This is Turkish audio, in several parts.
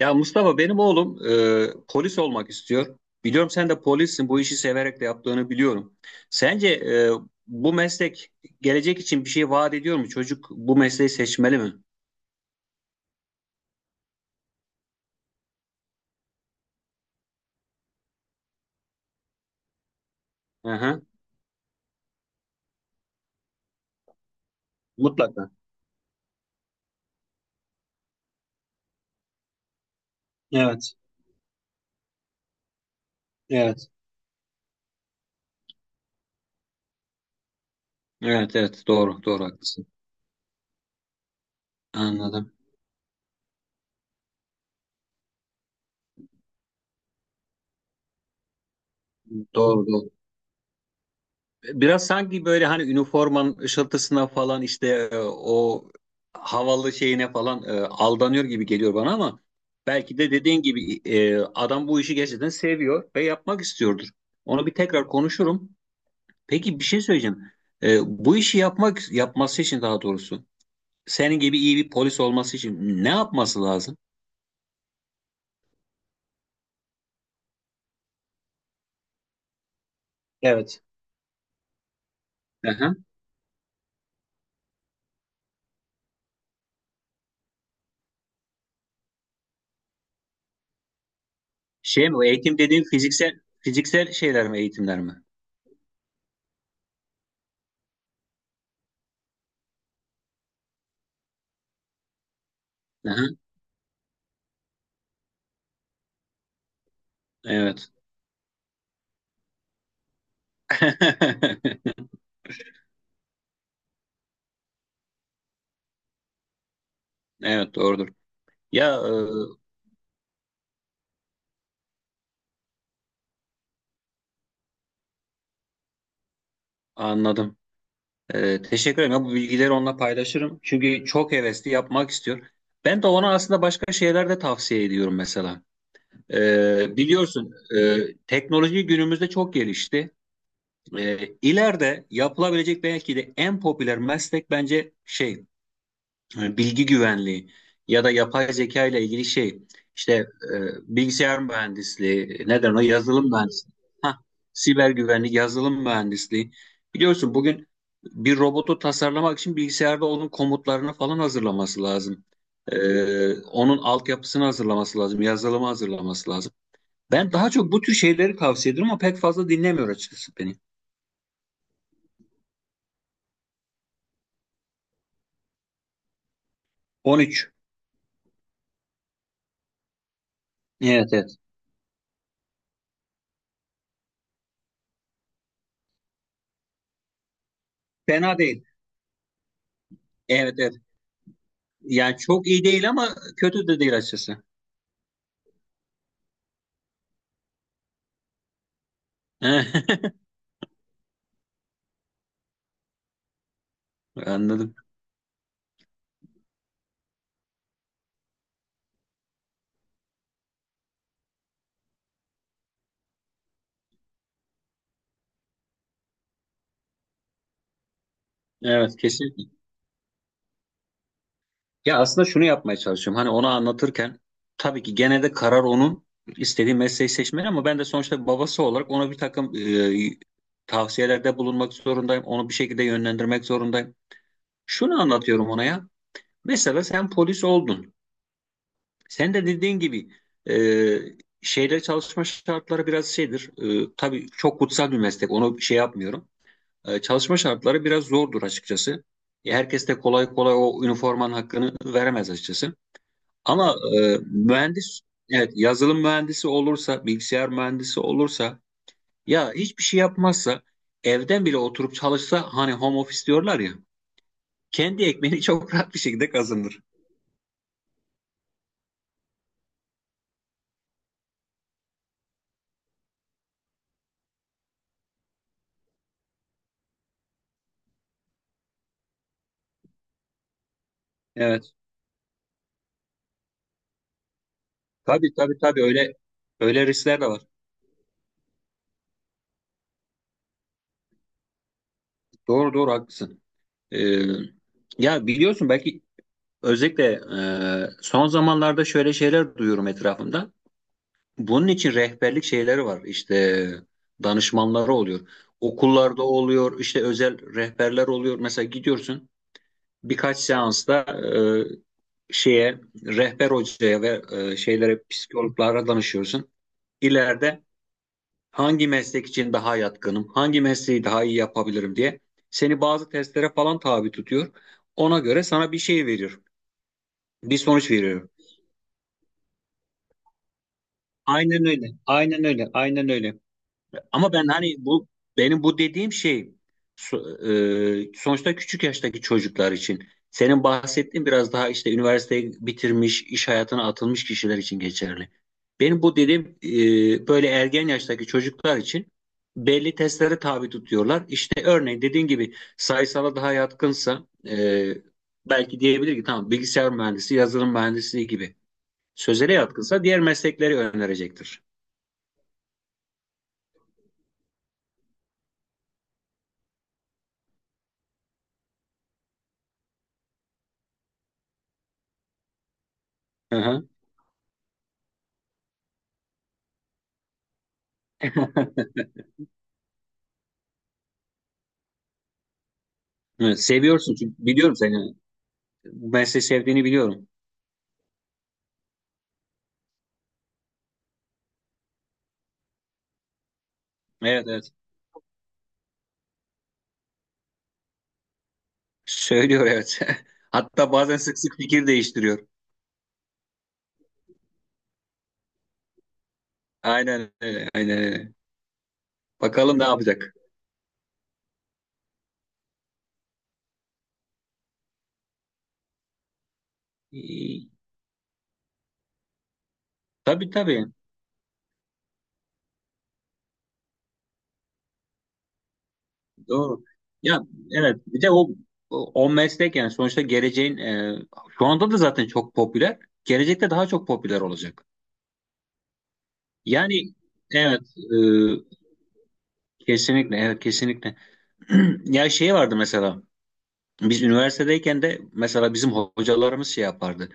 Ya Mustafa benim oğlum polis olmak istiyor. Biliyorum sen de polissin. Bu işi severek de yaptığını biliyorum. Sence bu meslek gelecek için bir şey vaat ediyor mu? Çocuk bu mesleği seçmeli mi? Aha, mutlaka. Evet, evet. Evet, evet, doğru doğru haklısın. Anladım. Doğru doğru. Biraz sanki böyle hani üniformanın ışıltısına falan işte o havalı şeyine falan aldanıyor gibi geliyor bana, ama belki de dediğin gibi adam bu işi gerçekten seviyor ve yapmak istiyordur. Onu bir tekrar konuşurum. Peki bir şey söyleyeceğim. E, bu işi yapması için, daha doğrusu senin gibi iyi bir polis olması için ne yapması lazım? Evet. Aha. Şey mi? O eğitim dediğin fiziksel fiziksel şeyler mi, eğitimler mi? Aha. Evet. Evet, doğrudur. Ya anladım. Teşekkür ederim. Ya, bu bilgileri onunla paylaşırım. Çünkü çok hevesli, yapmak istiyor. Ben de ona aslında başka şeyler de tavsiye ediyorum mesela. Biliyorsun, teknoloji günümüzde çok gelişti. E, ileride yapılabilecek belki de en popüler meslek, bence şey, bilgi güvenliği ya da yapay zeka ile ilgili şey, işte bilgisayar mühendisliği, neden o yazılım mühendisliği, ha, siber güvenlik, yazılım mühendisliği. Biliyorsun, bugün bir robotu tasarlamak için bilgisayarda onun komutlarını falan hazırlaması lazım. Onun altyapısını hazırlaması lazım, yazılımı hazırlaması lazım. Ben daha çok bu tür şeyleri tavsiye ediyorum ama pek fazla dinlemiyor açıkçası beni. 13. Evet, evet. Fena değil. Evet, evet. Yani çok iyi değil ama kötü de değil açıkçası. Anladım. Evet, kesinlikle. Ya aslında şunu yapmaya çalışıyorum. Hani ona anlatırken tabii ki gene de karar onun, istediği mesleği seçmeli, ama ben de sonuçta babası olarak ona bir takım tavsiyelerde bulunmak zorundayım. Onu bir şekilde yönlendirmek zorundayım. Şunu anlatıyorum ona ya. Mesela sen polis oldun. Sen de dediğin gibi, e, şeyle, çalışma şartları biraz şeydir. Tabii çok kutsal bir meslek. Onu şey yapmıyorum. Çalışma şartları biraz zordur açıkçası. Herkes de kolay kolay o üniformanın hakkını veremez açıkçası. Ama mühendis, evet, yazılım mühendisi olursa, bilgisayar mühendisi olursa, ya hiçbir şey yapmazsa, evden bile oturup çalışsa, hani home office diyorlar ya, kendi ekmeğini çok rahat bir şekilde kazanır. Evet, tabii tabii tabii öyle, öyle riskler de var. Doğru doğru haklısın. E, ya biliyorsun, belki özellikle son zamanlarda şöyle şeyler duyuyorum etrafımda. Bunun için rehberlik şeyleri var. İşte danışmanları oluyor. Okullarda oluyor, işte özel rehberler oluyor. Mesela gidiyorsun birkaç seansta şeye, rehber hocaya, ve şeylere, psikologlara danışıyorsun. İleride hangi meslek için daha yatkınım, hangi mesleği daha iyi yapabilirim diye seni bazı testlere falan tabi tutuyor. Ona göre sana bir şey veriyor, bir sonuç veriyor. Aynen öyle, aynen öyle, aynen öyle. Ama ben hani bu, benim bu dediğim şey, sonuçta küçük yaştaki çocuklar için. Senin bahsettiğin biraz daha işte üniversiteyi bitirmiş, iş hayatına atılmış kişiler için geçerli. Benim bu dediğim böyle ergen yaştaki çocuklar için belli testlere tabi tutuyorlar. İşte örneğin dediğin gibi, sayısala daha yatkınsa belki diyebilir ki tamam, bilgisayar mühendisi, yazılım mühendisliği gibi. Sözele yatkınsa diğer meslekleri önerecektir. Hı hı. Evet, seviyorsun, çünkü biliyorum seni. Bu mesleği sevdiğini biliyorum. Evet, evet. Söylüyor, evet. Hatta bazen sık sık fikir değiştiriyor. Aynen öyle. Aynen öyle. Bakalım ne yapacak. Ee, tabii tabii. Doğru. Ya evet, bir de o meslek, yani sonuçta geleceğin, şu anda da zaten çok popüler. Gelecekte daha çok popüler olacak. Yani evet, kesinlikle, evet, kesinlikle. Ya şey vardı mesela, biz üniversitedeyken de mesela bizim hocalarımız şey yapardı.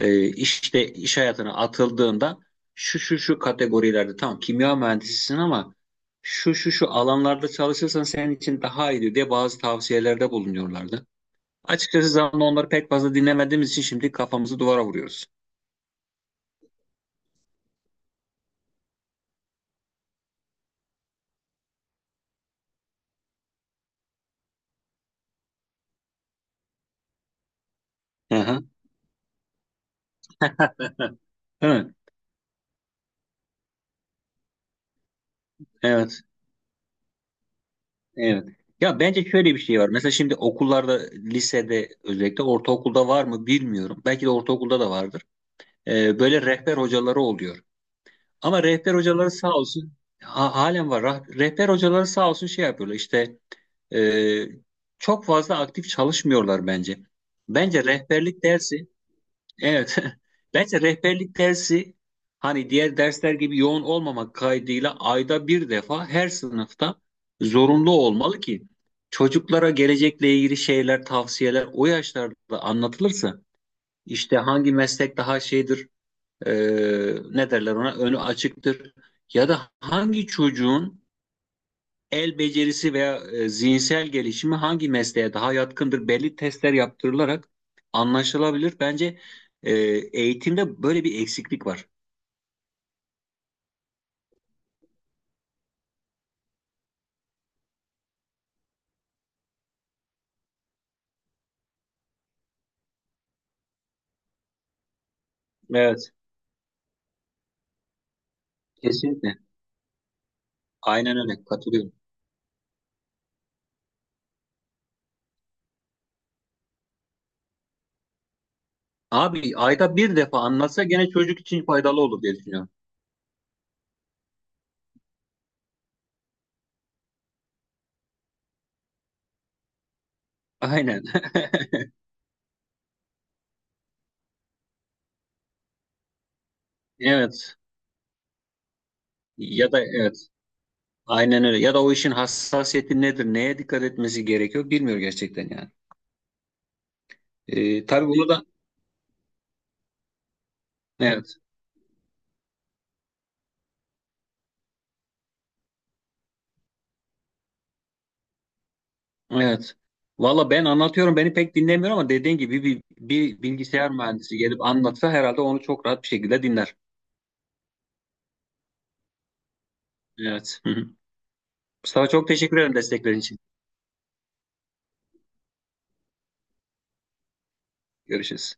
E, işte iş hayatına atıldığında şu şu şu kategorilerde tamam, kimya mühendisisin, ama şu şu şu alanlarda çalışırsan senin için daha iyidir diye bazı tavsiyelerde bulunuyorlardı. Açıkçası zamanında onları pek fazla dinlemediğimiz için şimdi kafamızı duvara vuruyoruz. Aha, evet, evet, evet. Ya bence şöyle bir şey var. Mesela şimdi okullarda, lisede, özellikle ortaokulda var mı bilmiyorum. Belki de ortaokulda da vardır. Böyle rehber hocaları oluyor. Ama rehber hocaları sağ olsun, halen var. Rehber hocaları sağ olsun şey yapıyorlar, işte e, çok fazla aktif çalışmıyorlar bence. Bence rehberlik dersi, evet, bence rehberlik dersi, hani diğer dersler gibi yoğun olmamak kaydıyla ayda bir defa her sınıfta zorunlu olmalı ki çocuklara gelecekle ilgili şeyler, tavsiyeler o yaşlarda anlatılırsa, işte hangi meslek daha şeydir, e, ne derler ona, önü açıktır. Ya da hangi çocuğun el becerisi veya zihinsel gelişimi hangi mesleğe daha yatkındır, belli testler yaptırılarak anlaşılabilir. Bence e, eğitimde böyle bir eksiklik var. Evet, kesinlikle. Aynen öyle, katılıyorum. Abi ayda bir defa anlatsa gene çocuk için faydalı olur diye düşünüyorum. Aynen. Evet. Ya da evet. Aynen öyle. Ya da o işin hassasiyeti nedir? Neye dikkat etmesi gerekiyor? Bilmiyor gerçekten yani. Tabii bunu da, evet. Evet. Valla ben anlatıyorum, beni pek dinlemiyor, ama dediğin gibi bir bilgisayar mühendisi gelip anlatsa herhalde onu çok rahat bir şekilde dinler. Evet. Hı hı. Mustafa, çok teşekkür ederim desteklerin için. Görüşürüz.